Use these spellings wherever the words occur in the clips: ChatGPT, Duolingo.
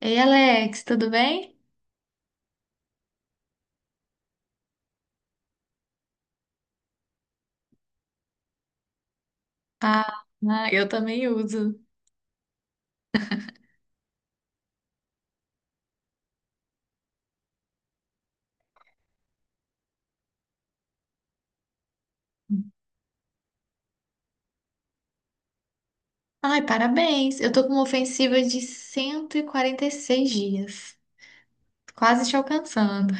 Ei, Alex, tudo bem? Ah, eu também uso. Ai, parabéns. Eu tô com uma ofensiva de cento e quarenta e seis dias, quase te alcançando.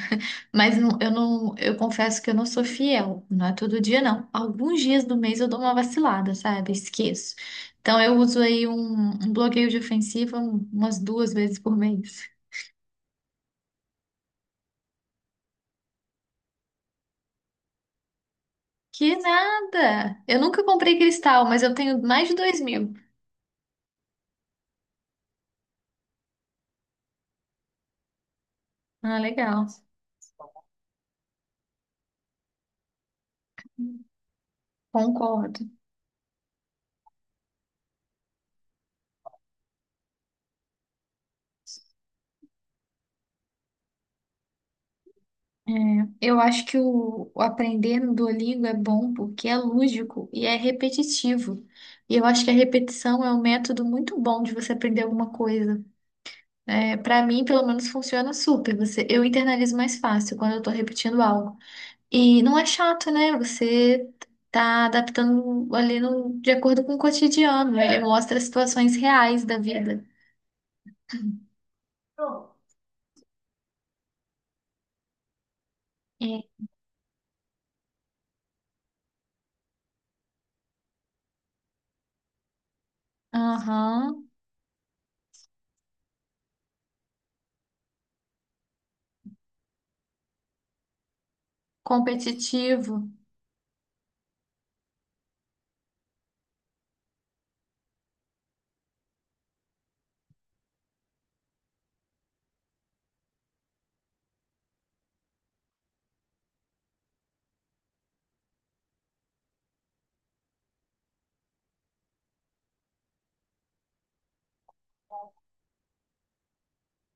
Eu confesso que eu não sou fiel, não é todo dia não. Alguns dias do mês eu dou uma vacilada, sabe? Esqueço. Então eu uso um bloqueio de ofensiva umas duas vezes por mês. Que nada! Eu nunca comprei cristal, mas eu tenho mais de 2.000. Ah, legal. Concordo. Eu acho que o aprender no Duolingo é bom porque é lúdico e é repetitivo. E eu acho que a repetição é um método muito bom de você aprender alguma coisa. É, para mim, pelo menos, funciona super. Você, eu internalizo mais fácil quando eu tô repetindo algo. E não é chato, né? Você tá adaptando ali no, de acordo com o cotidiano. Ele mostra situações reais da vida. É. Aham. Competitivo.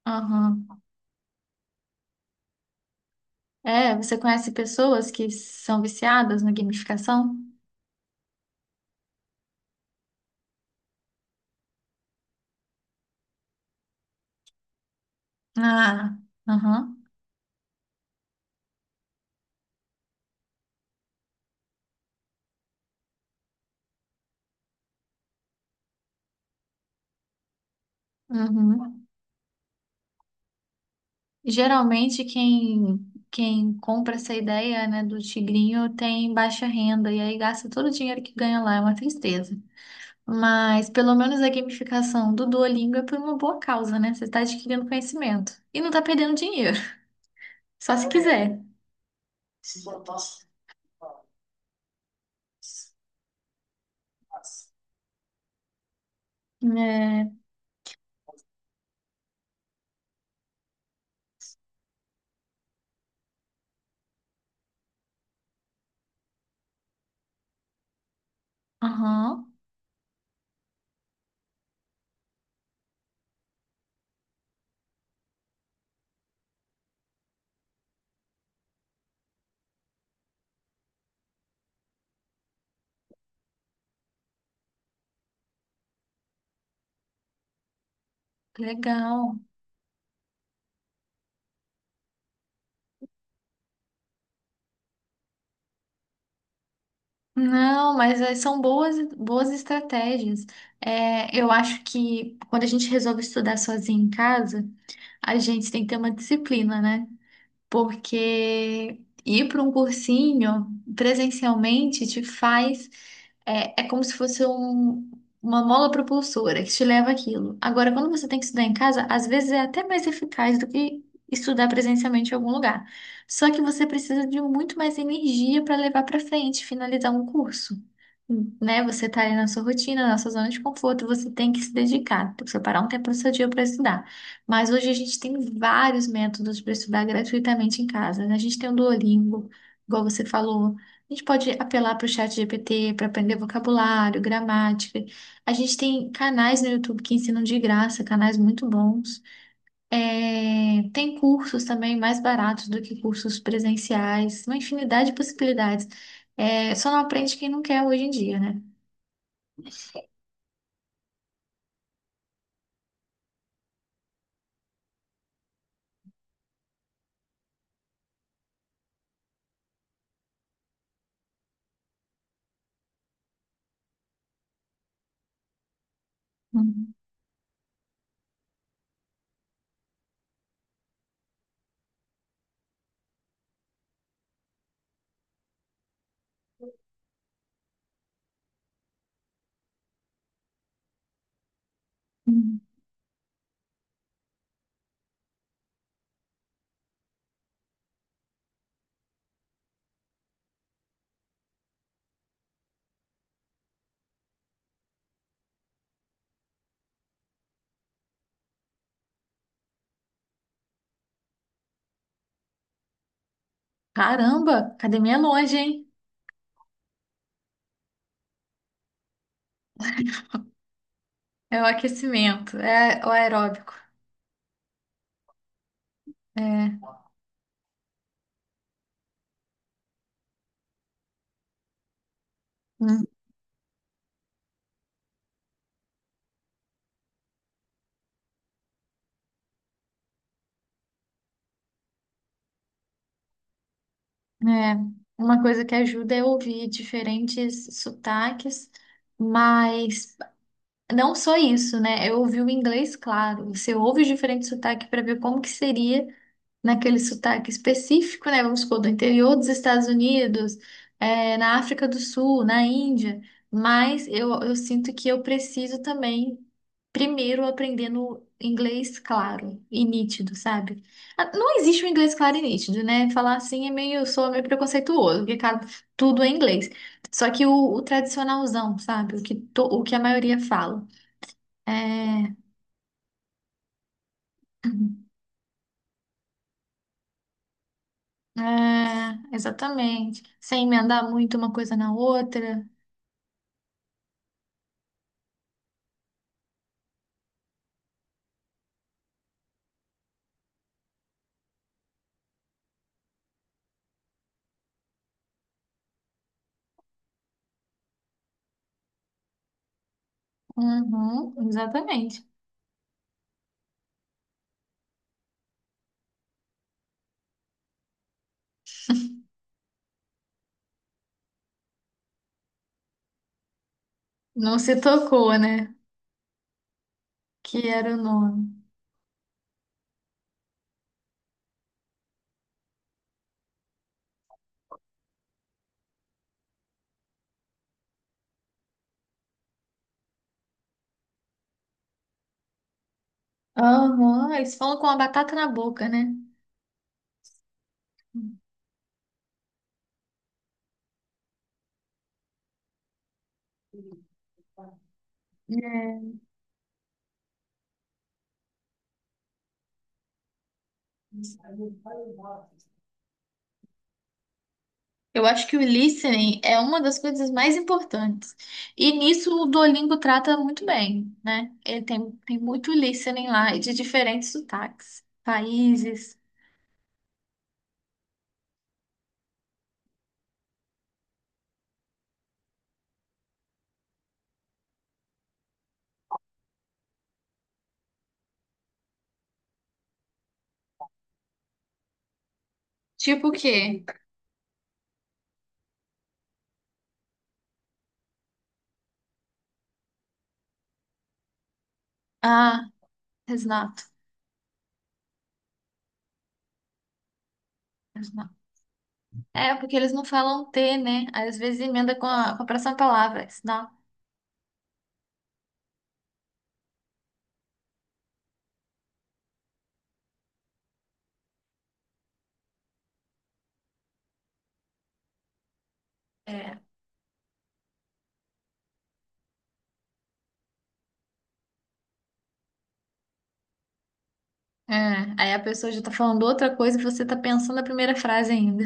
Aham. É, você conhece pessoas que são viciadas na gamificação? Ah, aham, uhum. Geralmente quem compra essa ideia, né, do tigrinho tem baixa renda e aí gasta todo o dinheiro que ganha lá, é uma tristeza. Mas pelo menos a gamificação do Duolingo é por uma boa causa, né? Você está adquirindo conhecimento e não está perdendo dinheiro, só se quiser. É, aham, legal. Não, mas são boas, boas estratégias. É, eu acho que quando a gente resolve estudar sozinho em casa, a gente tem que ter uma disciplina, né? Porque ir para um cursinho presencialmente te faz. É, é como se fosse um- uma mola propulsora que te leva àquilo. Agora, quando você tem que estudar em casa, às vezes é até mais eficaz do que estudar presencialmente em algum lugar. Só que você precisa de muito mais energia para levar para frente, finalizar um curso. Né? Você está ali na sua rotina, na sua zona de conforto, você tem que se dedicar, tem que separar um tempo do seu dia para estudar. Mas hoje a gente tem vários métodos para estudar gratuitamente em casa, né? A gente tem o Duolingo, igual você falou. A gente pode apelar para o chat GPT para aprender vocabulário, gramática. A gente tem canais no YouTube que ensinam de graça, canais muito bons. É, tem cursos também mais baratos do que cursos presenciais, uma infinidade de possibilidades. É, só não aprende quem não quer hoje em dia, né? Uhum. Caramba, academia é longe, hein? É o aquecimento, é o aeróbico. É, hum, é. Uma coisa que ajuda é ouvir diferentes sotaques, mas não só isso, né? Eu ouvi o inglês, claro. Você ouve os diferentes sotaques para ver como que seria naquele sotaque específico, né? Vamos supor, do interior dos Estados Unidos, é, na África do Sul, na Índia. Mas eu sinto que eu preciso também primeiro aprendendo inglês claro e nítido, sabe? Ah, não existe um inglês claro e nítido, né? Falar assim é meio, sou meio preconceituoso, porque cara, tudo é inglês. Só que o tradicionalzão, sabe? O que, o que a maioria fala. É, é, exatamente. Sem emendar muito uma coisa na outra. Uhum, exatamente. Não se tocou, né? Que era o nome. Aham, eles falam com a batata na boca, né? É. Eu acho que o listening é uma das coisas mais importantes. E nisso o Duolingo trata muito bem, né? Ele tem, tem muito listening lá e de diferentes sotaques, países. Tipo o quê? Ah, exato. Exato. É, porque eles não falam T, né? Aí, às vezes emenda com a próxima palavra. Senão, é. É, aí a pessoa já tá falando outra coisa e você tá pensando a primeira frase ainda.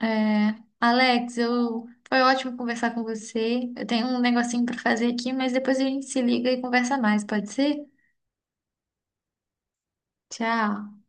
É, Alex, eu foi ótimo conversar com você. Eu tenho um negocinho para fazer aqui, mas depois a gente se liga e conversa mais, pode ser? Tchau.